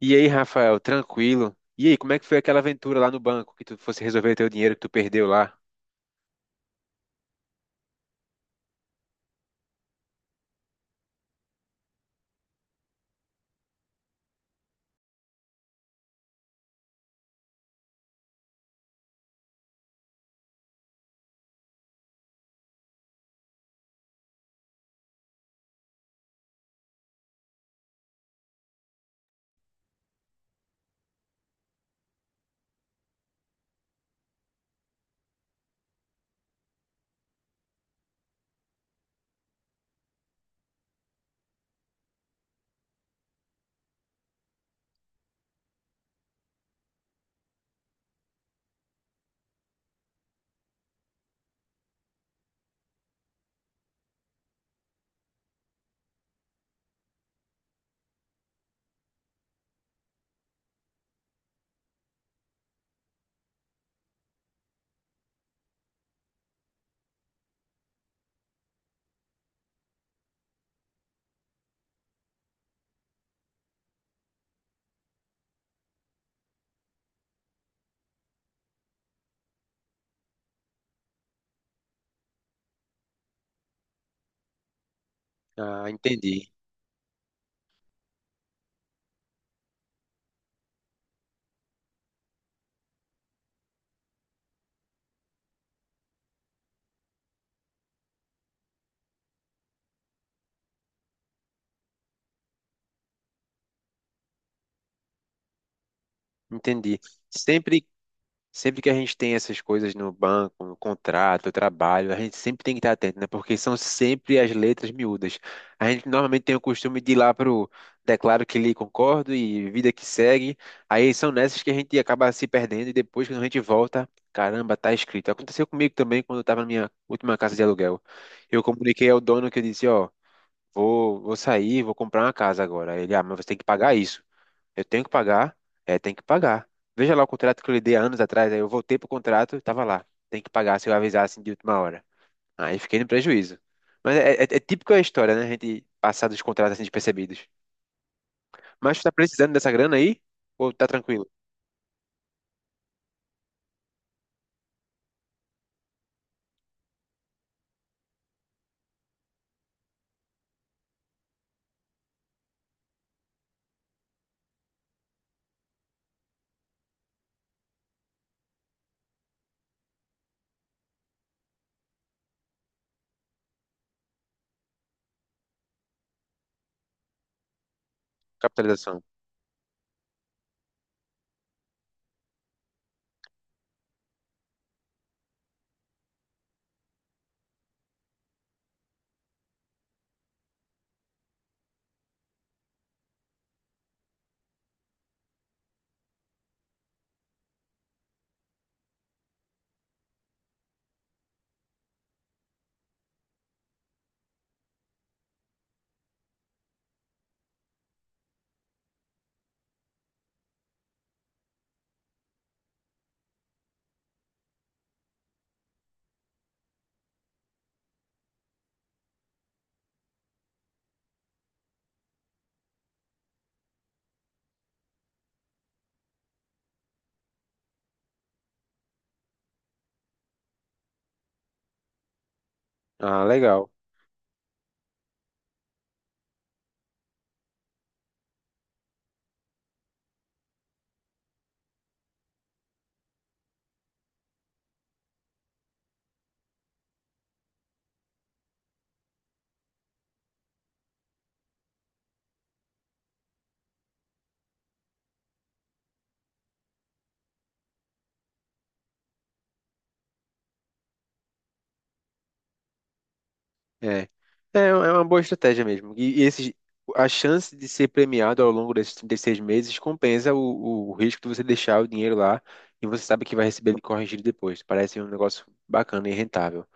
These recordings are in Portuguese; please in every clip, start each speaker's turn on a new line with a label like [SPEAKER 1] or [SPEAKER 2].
[SPEAKER 1] E aí, Rafael, tranquilo? E aí, como é que foi aquela aventura lá no banco que tu fosse resolver teu dinheiro que tu perdeu lá? Ah, entendi, entendi. Sempre Sempre que a gente tem essas coisas no banco, no contrato, no trabalho, a gente sempre tem que estar atento, né? Porque são sempre as letras miúdas. A gente normalmente tem o costume de ir lá pro declaro que lhe concordo e vida que segue. Aí são nessas que a gente acaba se perdendo e depois quando a gente volta, caramba, tá escrito. Aconteceu comigo também quando eu tava na minha última casa de aluguel. Eu comuniquei ao dono, que eu disse, ó, vou sair, vou comprar uma casa agora. Ele, ah, mas você tem que pagar isso. Eu tenho que pagar, é, tem que pagar. Veja lá o contrato que eu lhe dei há anos atrás, aí eu voltei pro contrato e tava lá. Tem que pagar se eu avisar assim de última hora. Aí fiquei no prejuízo. Mas é típico a história, né? A gente passar dos contratos assim despercebidos. Mas tu tá precisando dessa grana aí? Ou tá tranquilo? Capitalização. Ah, legal. É, é uma boa estratégia mesmo. E esses, a chance de ser premiado ao longo desses 36 meses compensa o risco de você deixar o dinheiro lá e você sabe que vai receber ele corrigido depois. Parece um negócio bacana e rentável.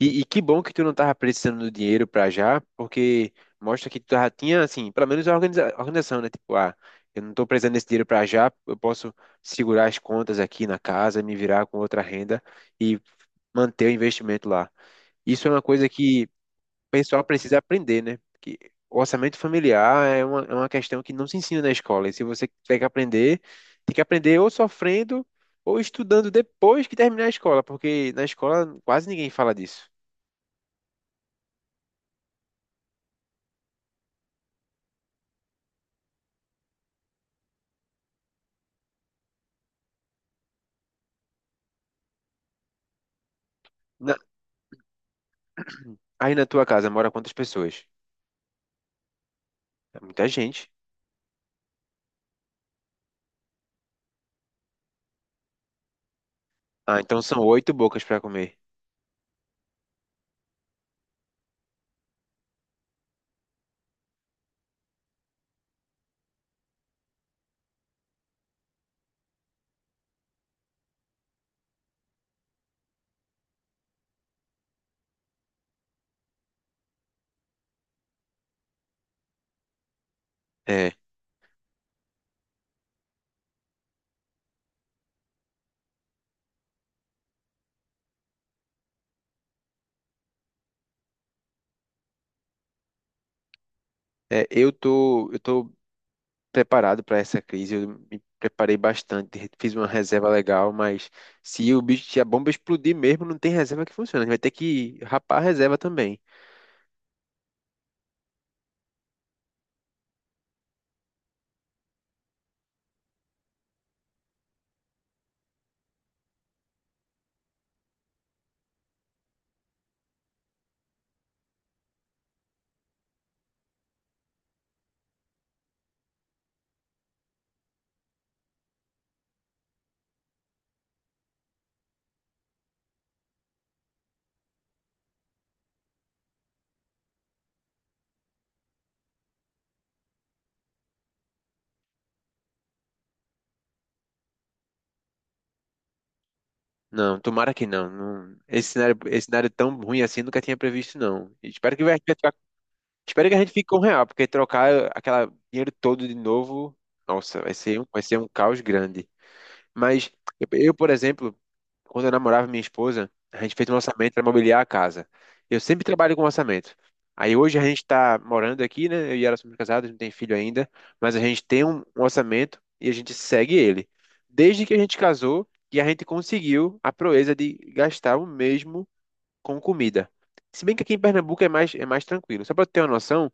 [SPEAKER 1] E que bom que tu não tava precisando do dinheiro pra já, porque mostra que tu já tinha, assim, pelo menos a organização, né? Tipo, ah, eu não tô precisando desse dinheiro pra já, eu posso segurar as contas aqui na casa, me virar com outra renda e manter o investimento lá. Isso é uma coisa que pessoal precisa aprender, né? Que o orçamento familiar é uma questão que não se ensina na escola. E se você tiver que aprender, tem que aprender ou sofrendo ou estudando depois que terminar a escola, porque na escola quase ninguém fala disso. Na- Aí na tua casa mora quantas pessoas? É muita gente. Ah, então são oito bocas para comer. É, eu tô, preparado para essa crise, eu me preparei bastante, fiz uma reserva legal, mas se o bicho, se a bomba explodir mesmo, não tem reserva que funcione, a gente vai ter que rapar a reserva também. Não, tomara que não. Esse cenário, esse cenário tão ruim assim eu nunca tinha previsto, não. E espero que a gente fique com o real, porque trocar aquele dinheiro todo de novo, nossa, vai ser um caos grande. Mas eu, por exemplo, quando eu namorava minha esposa, a gente fez um orçamento para mobiliar a casa. Eu sempre trabalho com orçamento. Aí hoje a gente está morando aqui, né? Eu e ela somos casados, não tem filho ainda, mas a gente tem um orçamento e a gente segue ele. Desde que a gente casou e a gente conseguiu a proeza de gastar o mesmo com comida. Se bem que aqui em Pernambuco é mais tranquilo. Só para ter uma noção,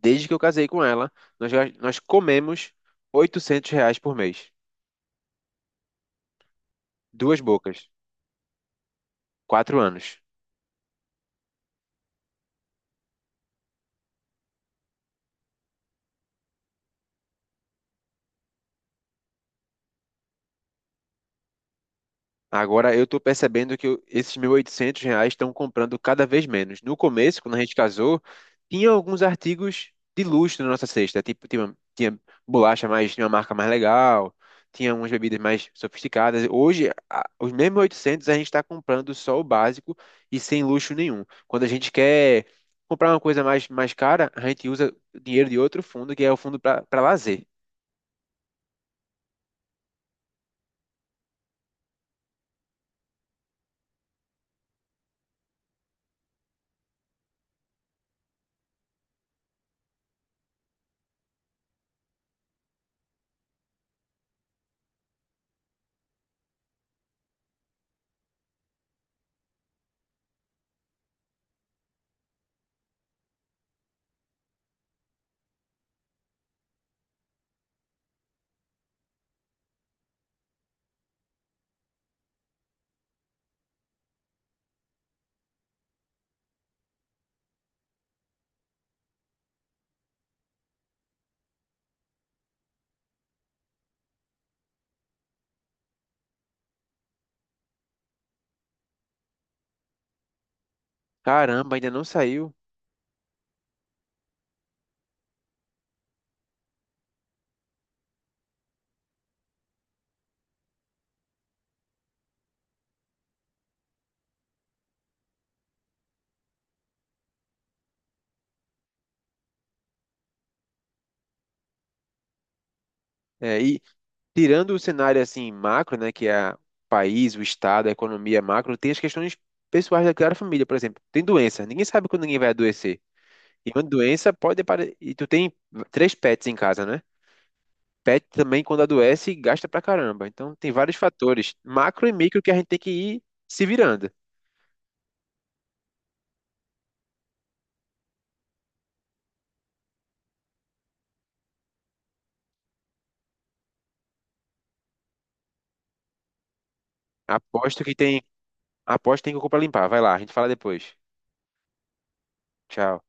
[SPEAKER 1] desde que eu casei com ela, nós comemos R$ 800 por mês. Duas bocas. 4 anos. Agora eu estou percebendo que esses 1.800 reais estão comprando cada vez menos. No começo, quando a gente casou, tinha alguns artigos de luxo na nossa cesta. Tipo, tinha bolacha mais, tinha uma marca mais legal, tinha umas bebidas mais sofisticadas. Hoje, os mesmos 1.800 a gente está comprando só o básico e sem luxo nenhum. Quando a gente quer comprar uma coisa mais, mais cara, a gente usa dinheiro de outro fundo, que é o fundo para lazer. Caramba, ainda não saiu. É, e tirando o cenário assim macro, né, que é o país, o estado, a economia macro, tem as questões pessoais daquela família, por exemplo, tem doença, ninguém sabe quando ninguém vai adoecer. E uma doença pode apare... e tu tem três pets em casa, né? Pet também quando adoece gasta pra caramba. Então tem vários fatores, macro e micro, que a gente tem que ir se virando. Aposto que tem, aposto que tem que comprar limpar. Vai lá, a gente fala depois. Tchau.